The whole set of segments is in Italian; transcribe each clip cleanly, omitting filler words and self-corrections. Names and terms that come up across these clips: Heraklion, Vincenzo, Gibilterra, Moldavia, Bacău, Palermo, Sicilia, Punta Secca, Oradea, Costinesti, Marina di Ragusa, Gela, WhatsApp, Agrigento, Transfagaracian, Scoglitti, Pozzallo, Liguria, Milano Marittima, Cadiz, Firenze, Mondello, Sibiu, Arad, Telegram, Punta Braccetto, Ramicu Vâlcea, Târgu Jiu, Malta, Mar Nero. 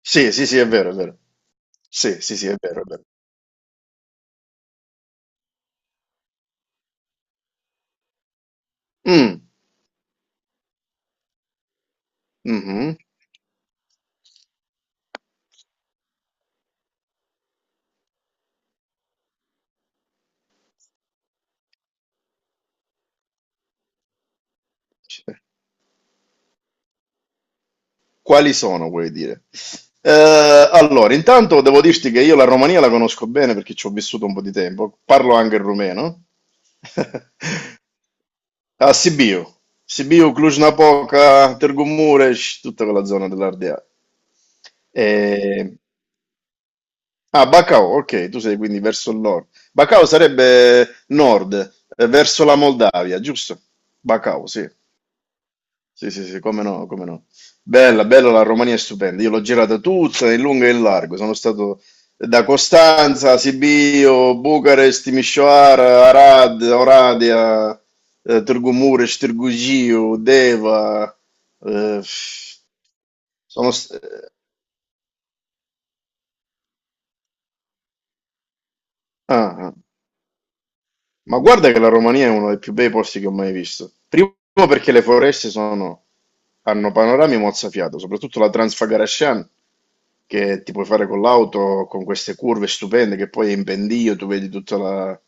Sì, sì, sì, è vero, è vero. Sì, sì, sì, è vero, è vero. Mm, mhm. Quali sono, vuoi dire? Allora, intanto devo dirti che io la Romania la conosco bene perché ci ho vissuto un po' di tempo. Parlo anche il rumeno. A Sibiu, Sibiu, Cluj-Napoca, Târgu Mureș, tutta quella zona dell'Ardea. E... Ah, Bacău, ok, tu sei quindi verso il nord. Bacău sarebbe nord, verso la Moldavia, giusto? Bacău, sì. Sì, sì, sì, come no, come no. Bella, bella, la Romania è stupenda. Io l'ho girata tutta in lungo e in largo. Sono stato da Costanza, Sibiu, Bucarest, Timișoara, Arad, Oradea, Târgu Mureș, Târgu Jiu, Deva. eh, sono, st- ah, ah. Ma guarda che la Romania è uno dei più bei posti che ho mai visto. Primo perché le foreste hanno panorami mozzafiato, soprattutto la Transfagaracian, che ti puoi fare con l'auto, con queste curve stupende, che poi è in pendio tu vedi tutto la-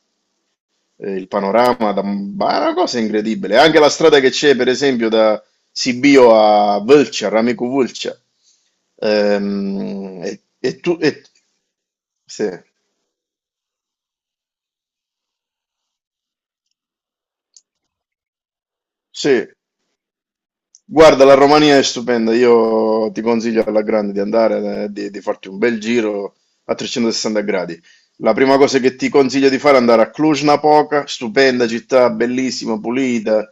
eh, il panorama, ma è una cosa incredibile. Anche la strada che c'è, per esempio, da Sibio a Vâlcea, Ramicu Vâlcea. Ehm, e, e tu... e- sì, sì. Guarda, la Romania è stupenda, io ti consiglio alla grande di andare, di farti un bel giro a 360 gradi. La prima cosa che ti consiglio di fare è andare a Cluj-Napoca, stupenda città, bellissima, pulita,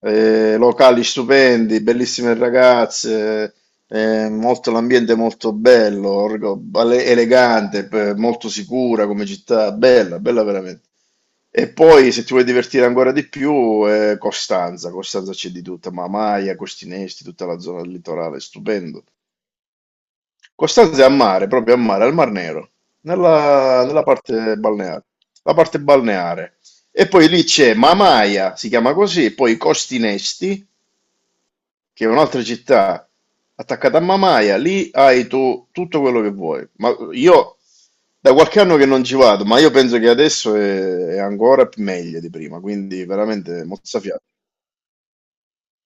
locali stupendi, bellissime ragazze, l'ambiente è molto bello, elegante, molto sicura come città, bella, bella veramente. E poi, se ti vuoi divertire ancora di più, Costanza. Costanza c'è di tutta, Mamaia, Costinesti, tutta la zona del litorale, stupendo. Costanza è a mare, proprio a mare, al Mar Nero, nella parte balneare. La parte balneare. E poi lì c'è Mamaia, si chiama così, poi Costinesti, che è un'altra città attaccata a Mamaia, lì hai tu tutto quello che vuoi. Ma io da qualche anno che non ci vado, ma io penso che adesso è ancora più meglio di prima, quindi veramente mozzafiato.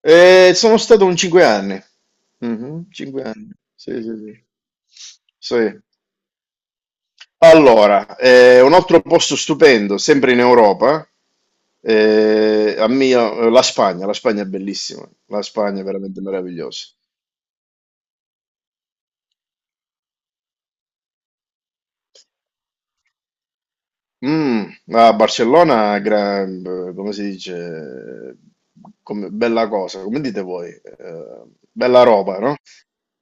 E sono stato un 5 anni. Mhm, 5 anni. Sì, sì, sì. Sì. Allora, un altro posto stupendo, sempre in Europa, la Spagna è bellissima, la Spagna è veramente meravigliosa. Mm, a Barcellona, come si dice, bella cosa, come dite voi? Bella roba, no?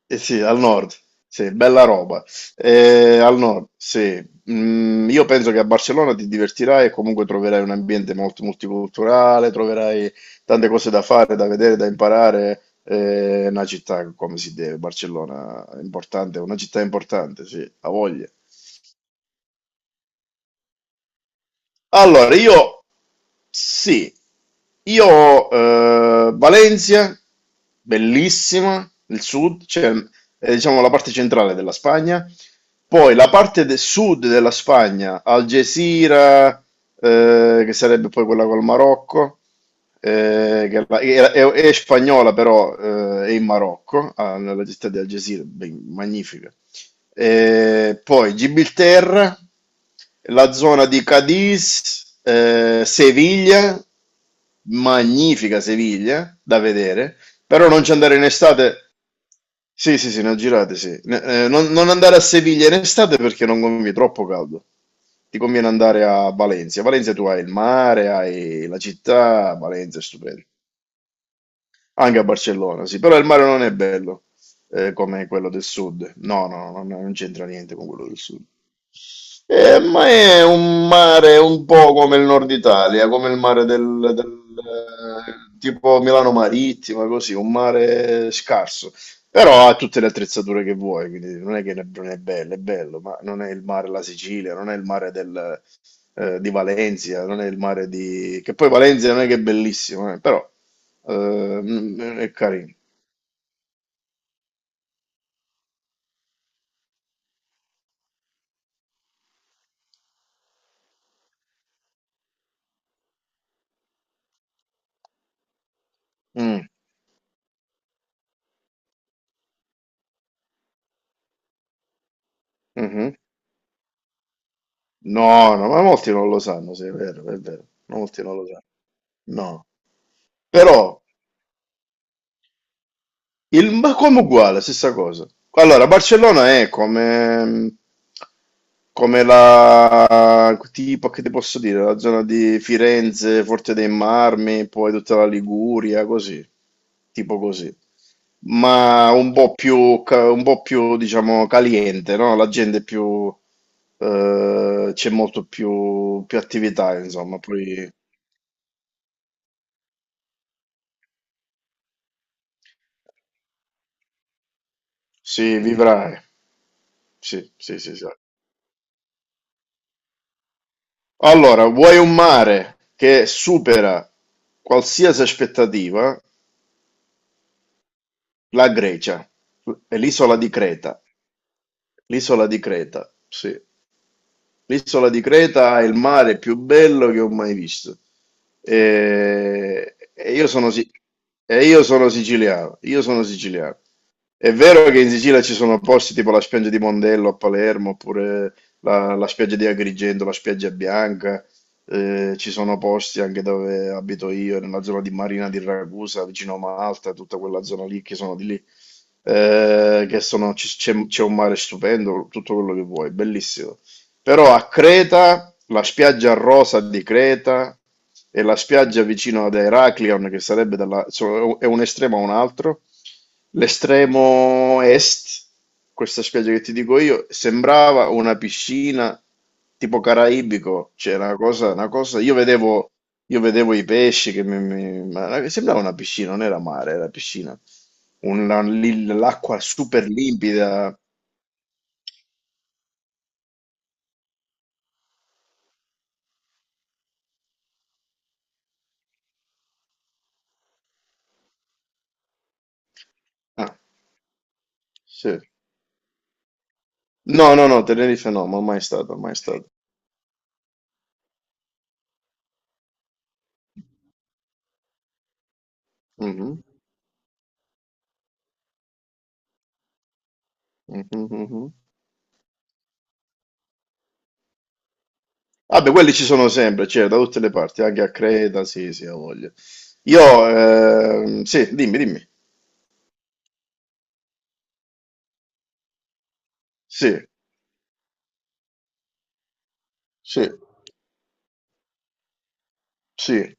Eh sì, al nord, sì, bella roba. Al nord, sì. Io penso che a Barcellona ti divertirai e comunque troverai un ambiente molto multiculturale, troverai tante cose da fare, da vedere, da imparare. È una città come si deve, Barcellona è importante, è una città importante, sì, ha voglia. Allora, io, sì, io, Valencia, bellissima, il sud, cioè, diciamo la parte centrale della Spagna, poi la parte del sud della Spagna, Algeciras, che sarebbe poi quella col Marocco, che la- è spagnola, però è in Marocco. Ah, nella città di Algeciras, magnifica. Poi Gibilterra, la zona di Cadiz, Seviglia, magnifica Seviglia da vedere, però non ci andare in estate. Sì, sì, sì, ne ho girate, sì. Non andare a Seviglia in estate perché non conviene, troppo caldo. Ti conviene andare a Valencia. A Valencia tu hai il mare, hai la città, Valencia è stupendo. Anche a Barcellona, sì, però il mare non è bello come quello del sud. No, no, no, no, non c'entra niente con quello del sud. Ma è un mare un po' come il nord Italia, come il mare tipo Milano Marittima, così, un mare scarso. Però ha tutte le attrezzature che vuoi, quindi non è che non è bello, è bello, ma non è il mare della Sicilia, non è il mare di Valencia, non è il mare di... che poi Valencia non è che è bellissimo, eh, è carino. Mm, mhm. No, no, ma molti non lo sanno, sì, è vero, molti non lo sanno. No. Però ma come uguale, stessa cosa. Allora, Barcellona è come la, tipo, che ti posso dire, la zona di Firenze, Forte dei Marmi, poi tutta la Liguria, così, tipo così. Ma un po' più, diciamo, caliente, no? La gente è più, c'è molto più, più attività, insomma, poi sì, vivrai, sì, sì, sì, sì. Allora, vuoi un mare che supera qualsiasi aspettativa? La Grecia, e l'isola di Creta, sì. L'isola di Creta è il mare più bello che ho mai visto. E, e io sono, si- e io sono siciliano, io sono siciliano. È vero che in Sicilia ci sono posti tipo la spiaggia di Mondello a Palermo, oppure la spiaggia di Agrigento, la spiaggia bianca, ci sono posti anche dove abito io, nella zona di Marina di Ragusa, vicino a Malta, tutta quella zona lì che sono di lì, che sono, ci- c'è c'è un mare stupendo, tutto quello che vuoi, bellissimo. Però a Creta, la spiaggia rosa di Creta e la spiaggia vicino ad Heraklion, che sarebbe è un estremo a un altro. L'estremo est, questa spiaggia che ti dico io, sembrava una piscina tipo caraibico, cioè una cosa, io vedevo i pesci che ma sembrava una piscina, non era mare, era piscina. Lì l'acqua super limpida. Ah, sì. No, no, no, Tenerife no, ma mai stato, mai stato. Mhm, mhm, mhm. Vabbè, quelli ci sono sempre, cioè, da tutte le parti, anche a Creta, sì, sì, ha voglia. Io, sì, dimmi, dimmi. Sì, sì, sì.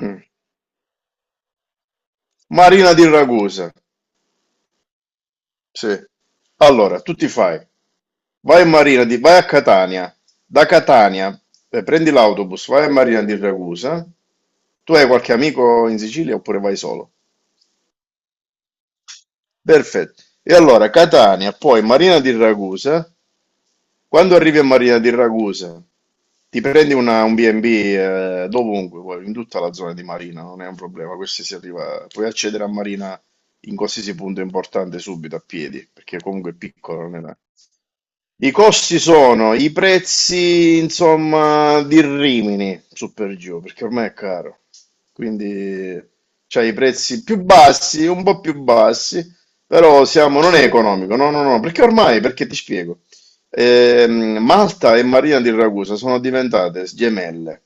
mm. Marina di Ragusa. Sì. Allora, tu ti fai. Vai a vai a Catania. Da Catania, prendi l'autobus, vai a Marina di Ragusa. Tu hai qualche amico in Sicilia oppure vai solo? Perfetto. E allora, Catania, poi Marina di Ragusa. Quando arrivi a Marina di Ragusa, ti prendi un B&B, dovunque, vuoi, in tutta la zona di Marina, non è un problema, questi si arriva, puoi accedere a Marina in qualsiasi punto importante subito a piedi, perché comunque è piccolo, non è. I costi sono i prezzi, insomma, di Rimini, su per giù, perché ormai è caro. Quindi c'hai i prezzi più bassi, un po' più bassi, non è economico, no, no, no, perché ormai, perché ti spiego, Malta e Marina di Ragusa sono diventate gemelle.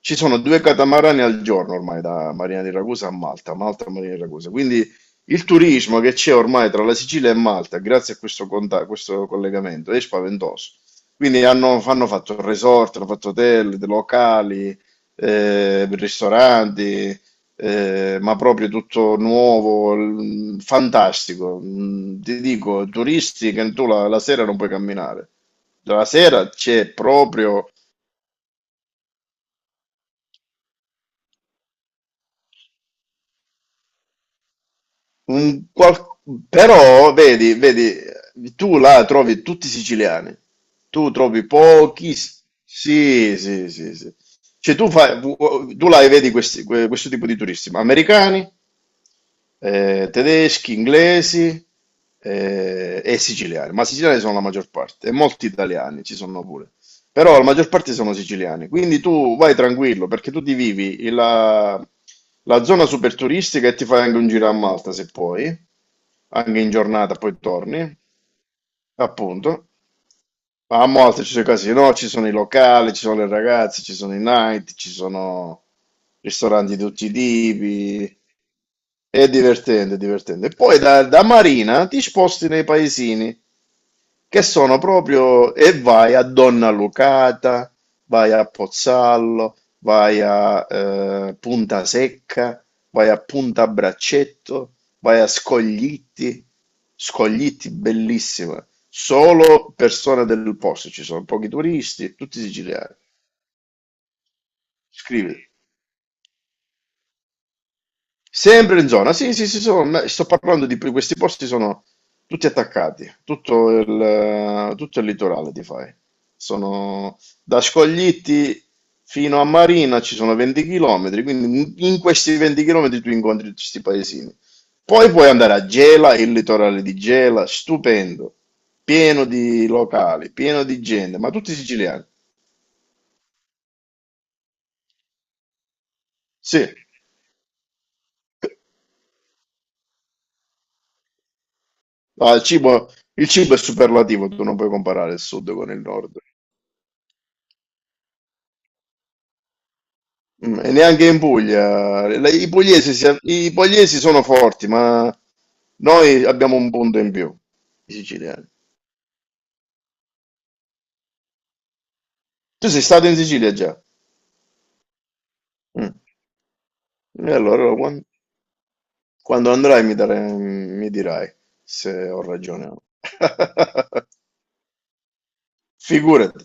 Ci sono due catamarani al giorno ormai da Marina di Ragusa a Malta, Malta a Marina di Ragusa. Quindi il turismo che c'è ormai tra la Sicilia e Malta, grazie a questo collegamento, è spaventoso. Quindi hanno fatto resort, hanno fatto hotel, locali, ristoranti, ma proprio tutto nuovo, fantastico. Ti dico, turisti che tu la sera non puoi camminare. La sera c'è proprio. Un qual- Però vedi, tu là trovi tutti siciliani, tu trovi pochi, sì, sì, sì, sì. Cioè tu là vedi questo tipo di turisti, ma americani, tedeschi, inglesi, e siciliani, ma siciliani sono la maggior parte, e molti italiani ci sono pure, però la maggior parte sono siciliani, quindi tu vai tranquillo perché tu ti vivi la zona super turistica e ti fai anche un giro a Malta se puoi anche in giornata, poi torni, appunto. Ma a Malta ci sono i casinò, ci sono i locali, ci sono le ragazze, ci sono i night, ci sono ristoranti di tutti i tipi. È divertente, è divertente. Poi da Marina ti sposti nei paesini che sono proprio e vai a Donna Lucata, vai a Pozzallo, vai a Punta Secca, vai a Punta Braccetto, vai a Scoglitti, Scoglitti bellissima, solo persone del posto, ci sono pochi turisti, tutti siciliani. Scrivi. Sempre in zona, sì, sì, sì, ma sto parlando di questi posti sono tutti attaccati, tutto il litorale ti fai. Sono da Scoglitti fino a Marina ci sono 20 km, quindi in questi 20 km tu incontri tutti questi paesini. Poi puoi andare a Gela, il litorale di Gela, stupendo, pieno di locali, pieno di gente, ma tutti siciliani. Sì. Ah, il cibo è superlativo, tu non puoi comparare il sud con il nord. E neanche in Puglia. I pugliesi sono forti, ma noi abbiamo un punto in più, i siciliani. Tu sei stato in Sicilia già? Mm. E allora quando, mi dirai se ho ragione o no. Figurati.